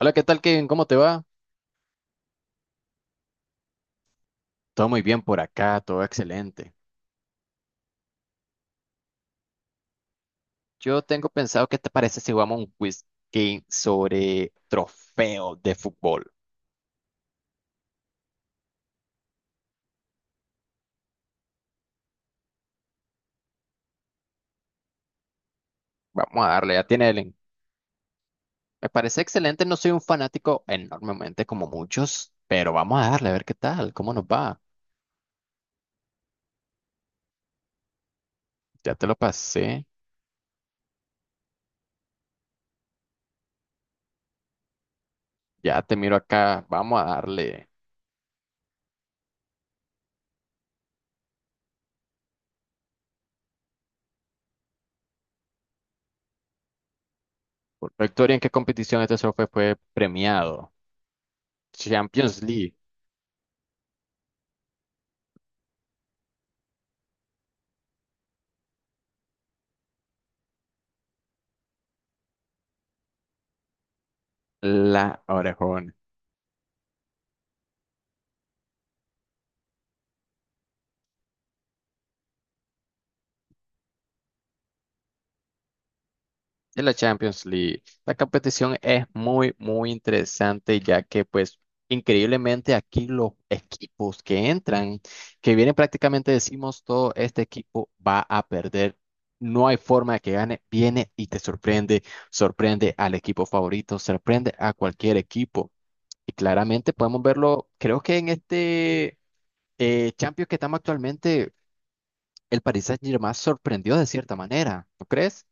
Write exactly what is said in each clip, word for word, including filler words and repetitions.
Hola, ¿qué tal, Kevin? ¿Cómo te va? Todo muy bien por acá, todo excelente. Yo tengo pensado, ¿qué te parece si jugamos un quiz game sobre trofeos de fútbol? Vamos a darle, ya tiene el link. Me parece excelente, no soy un fanático enormemente como muchos, pero vamos a darle a ver qué tal, cómo nos va. Ya te lo pasé, ya te miro acá, vamos a darle. Por Victoria, ¿en qué competición este trofeo fue premiado? Champions League, la orejona. En la Champions League, la competición es muy, muy interesante, ya que pues increíblemente aquí los equipos que entran, que vienen prácticamente decimos todo, este equipo va a perder. No hay forma de que gane, viene y te sorprende, sorprende al equipo favorito, sorprende a cualquier equipo. Y claramente podemos verlo, creo que en este eh, Champions que estamos actualmente, el Paris Saint-Germain sorprendió de cierta manera, ¿no crees?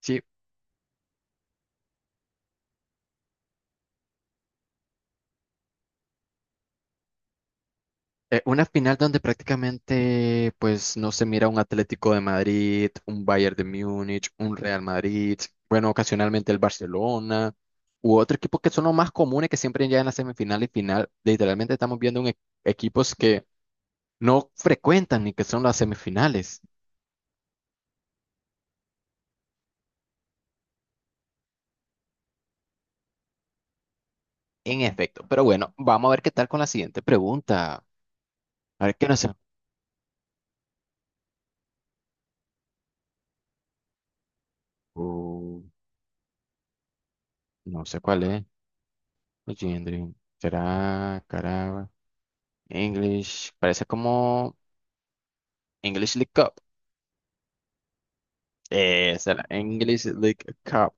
Sí. Eh, una final donde prácticamente pues no se mira un Atlético de Madrid, un Bayern de Múnich, un Real Madrid, bueno, ocasionalmente el Barcelona u otro equipo que son los más comunes que siempre llegan a semifinal y final. Literalmente estamos viendo un e- equipos que no frecuentan ni que son las semifinales. En efecto, pero bueno, vamos a ver qué tal con la siguiente pregunta. A ver qué no sé. Uh, no sé cuál es. Legendary. ¿Será Caraba? English. Parece como English League Cup. Eh, será English League Cup.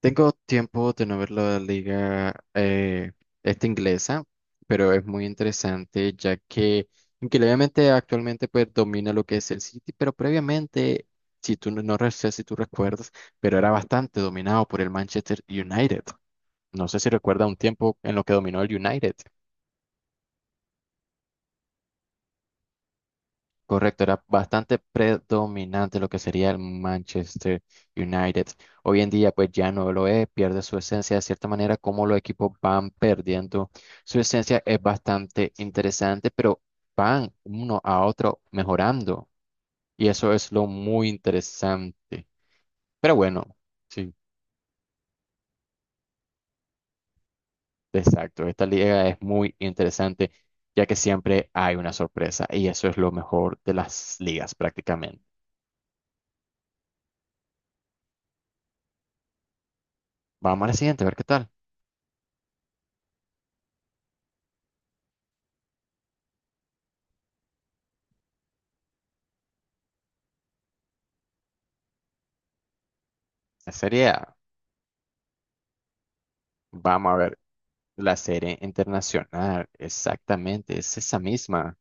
Tengo tiempo de no ver la liga eh, esta inglesa, pero es muy interesante ya que, aunque obviamente actualmente pues domina lo que es el City, pero previamente, si tú no, no re- sé si tú recuerdas, pero era bastante dominado por el Manchester United. No sé si recuerda un tiempo en lo que dominó el United. Correcto, era bastante predominante lo que sería el Manchester United. Hoy en día, pues ya no lo es, pierde su esencia. De cierta manera, como los equipos van perdiendo su esencia es bastante interesante, pero van uno a otro mejorando. Y eso es lo muy interesante. Pero bueno, sí, exacto. Esta liga es muy interesante, ya que siempre hay una sorpresa. Y eso es lo mejor de las ligas prácticamente. Vamos a la siguiente, a ver qué tal. La Serie A. Vamos a ver, la serie internacional, exactamente, es esa misma.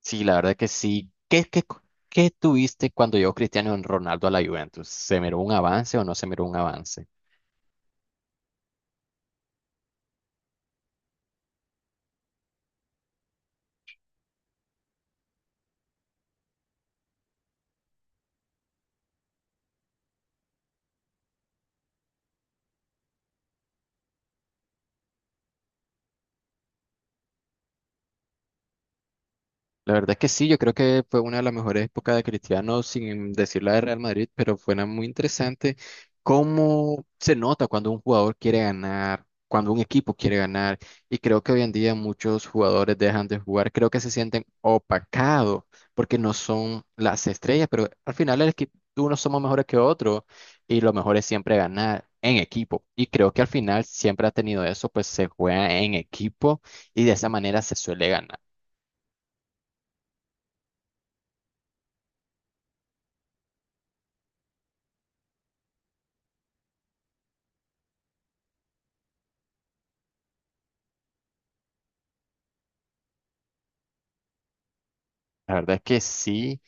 Sí, la verdad que sí. ¿Qué, qué, qué tuviste cuando llegó Cristiano Ronaldo a la Juventus? ¿Se miró un avance o no se miró un avance? La verdad es que sí, yo creo que fue una de las mejores épocas de Cristiano, sin decir la de Real Madrid, pero fue una muy interesante cómo se nota cuando un jugador quiere ganar, cuando un equipo quiere ganar, y creo que hoy en día muchos jugadores dejan de jugar, creo que se sienten opacados porque no son las estrellas, pero al final el equipo, unos somos mejores que otros y lo mejor es siempre ganar en equipo, y creo que al final siempre ha tenido eso, pues se juega en equipo y de esa manera se suele ganar. La verdad es que sí,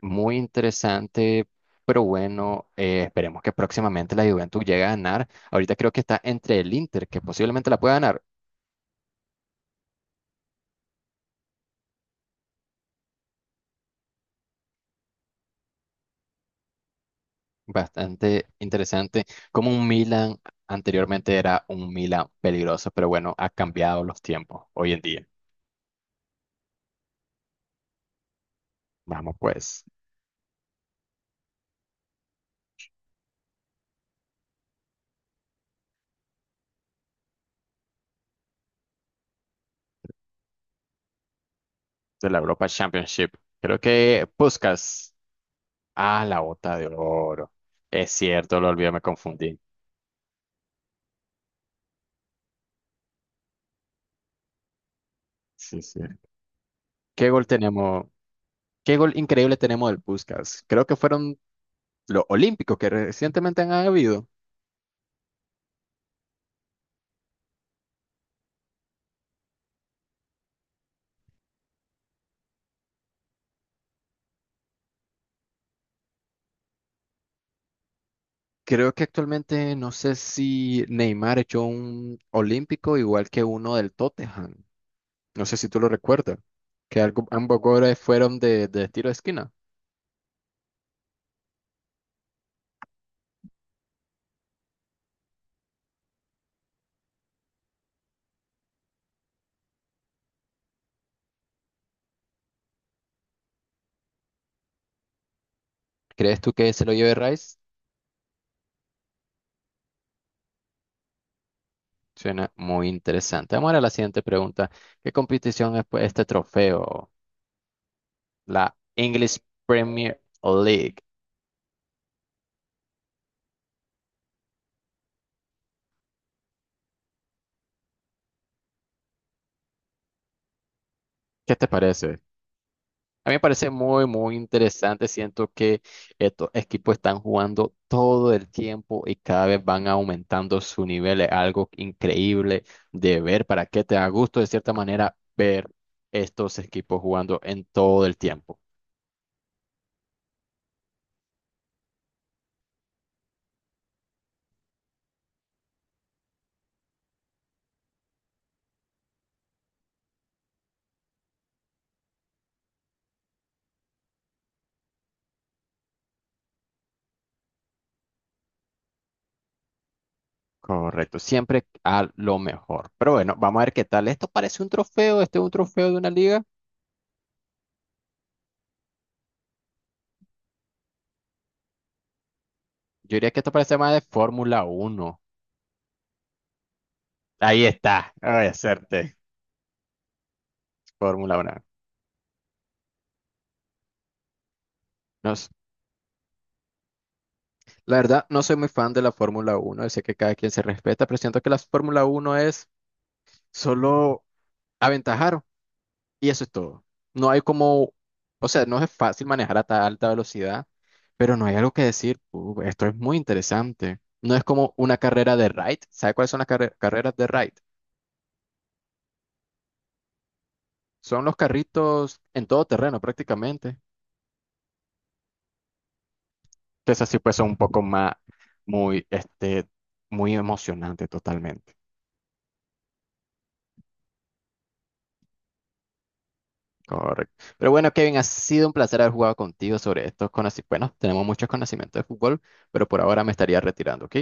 muy interesante, pero bueno, eh, esperemos que próximamente la Juventus llegue a ganar. Ahorita creo que está entre el Inter, que posiblemente la pueda ganar. Bastante interesante, como un Milan anteriormente era un Milan peligroso, pero bueno, ha cambiado los tiempos hoy en día. Vamos pues, de la Europa Championship. Creo que Puskas, ah, la bota de oro. Es cierto, lo olvidé, me confundí. Sí, sí. ¿Qué gol tenemos? Qué gol increíble tenemos del Puskás. Creo que fueron los olímpicos que recientemente han habido. Creo que actualmente no sé si Neymar echó un olímpico igual que uno del Tottenham. No sé si tú lo recuerdas. Que algo- ambos goles fueron de, de tiro de esquina. ¿Crees tú que se lo lleve Rice? Suena muy interesante. Vamos a la siguiente pregunta. ¿Qué competición es pues, este trofeo? La English Premier League. ¿Qué te parece? A mí me parece muy, muy interesante. Siento que estos equipos están jugando todo el tiempo y cada vez van aumentando su nivel. Es algo increíble de ver para que te da gusto, de cierta manera, ver estos equipos jugando en todo el tiempo. Correcto, siempre a lo mejor. Pero bueno, vamos a ver qué tal. Esto parece un trofeo, este es un trofeo de una liga. Yo diría que esto parece más de Fórmula Uno. Ahí está, ay, acerté, Fórmula uno. La verdad, no soy muy fan de la Fórmula Uno, sé que cada quien se respeta, pero siento que la Fórmula Uno es solo aventajar y eso es todo. No hay como, o sea, no es fácil manejar a tan alta velocidad, pero no hay algo que decir, "Uh, esto es muy interesante". No es como una carrera de ride. ¿Sabes cuáles son las carre- carreras de ride? Son los carritos en todo terreno prácticamente. Entonces así pues son un poco más, muy, este, muy emocionante totalmente. Correcto. Pero bueno, Kevin, ha sido un placer haber jugado contigo sobre estos conocimientos. Bueno, tenemos muchos conocimientos de fútbol, pero por ahora me estaría retirando, ¿ok?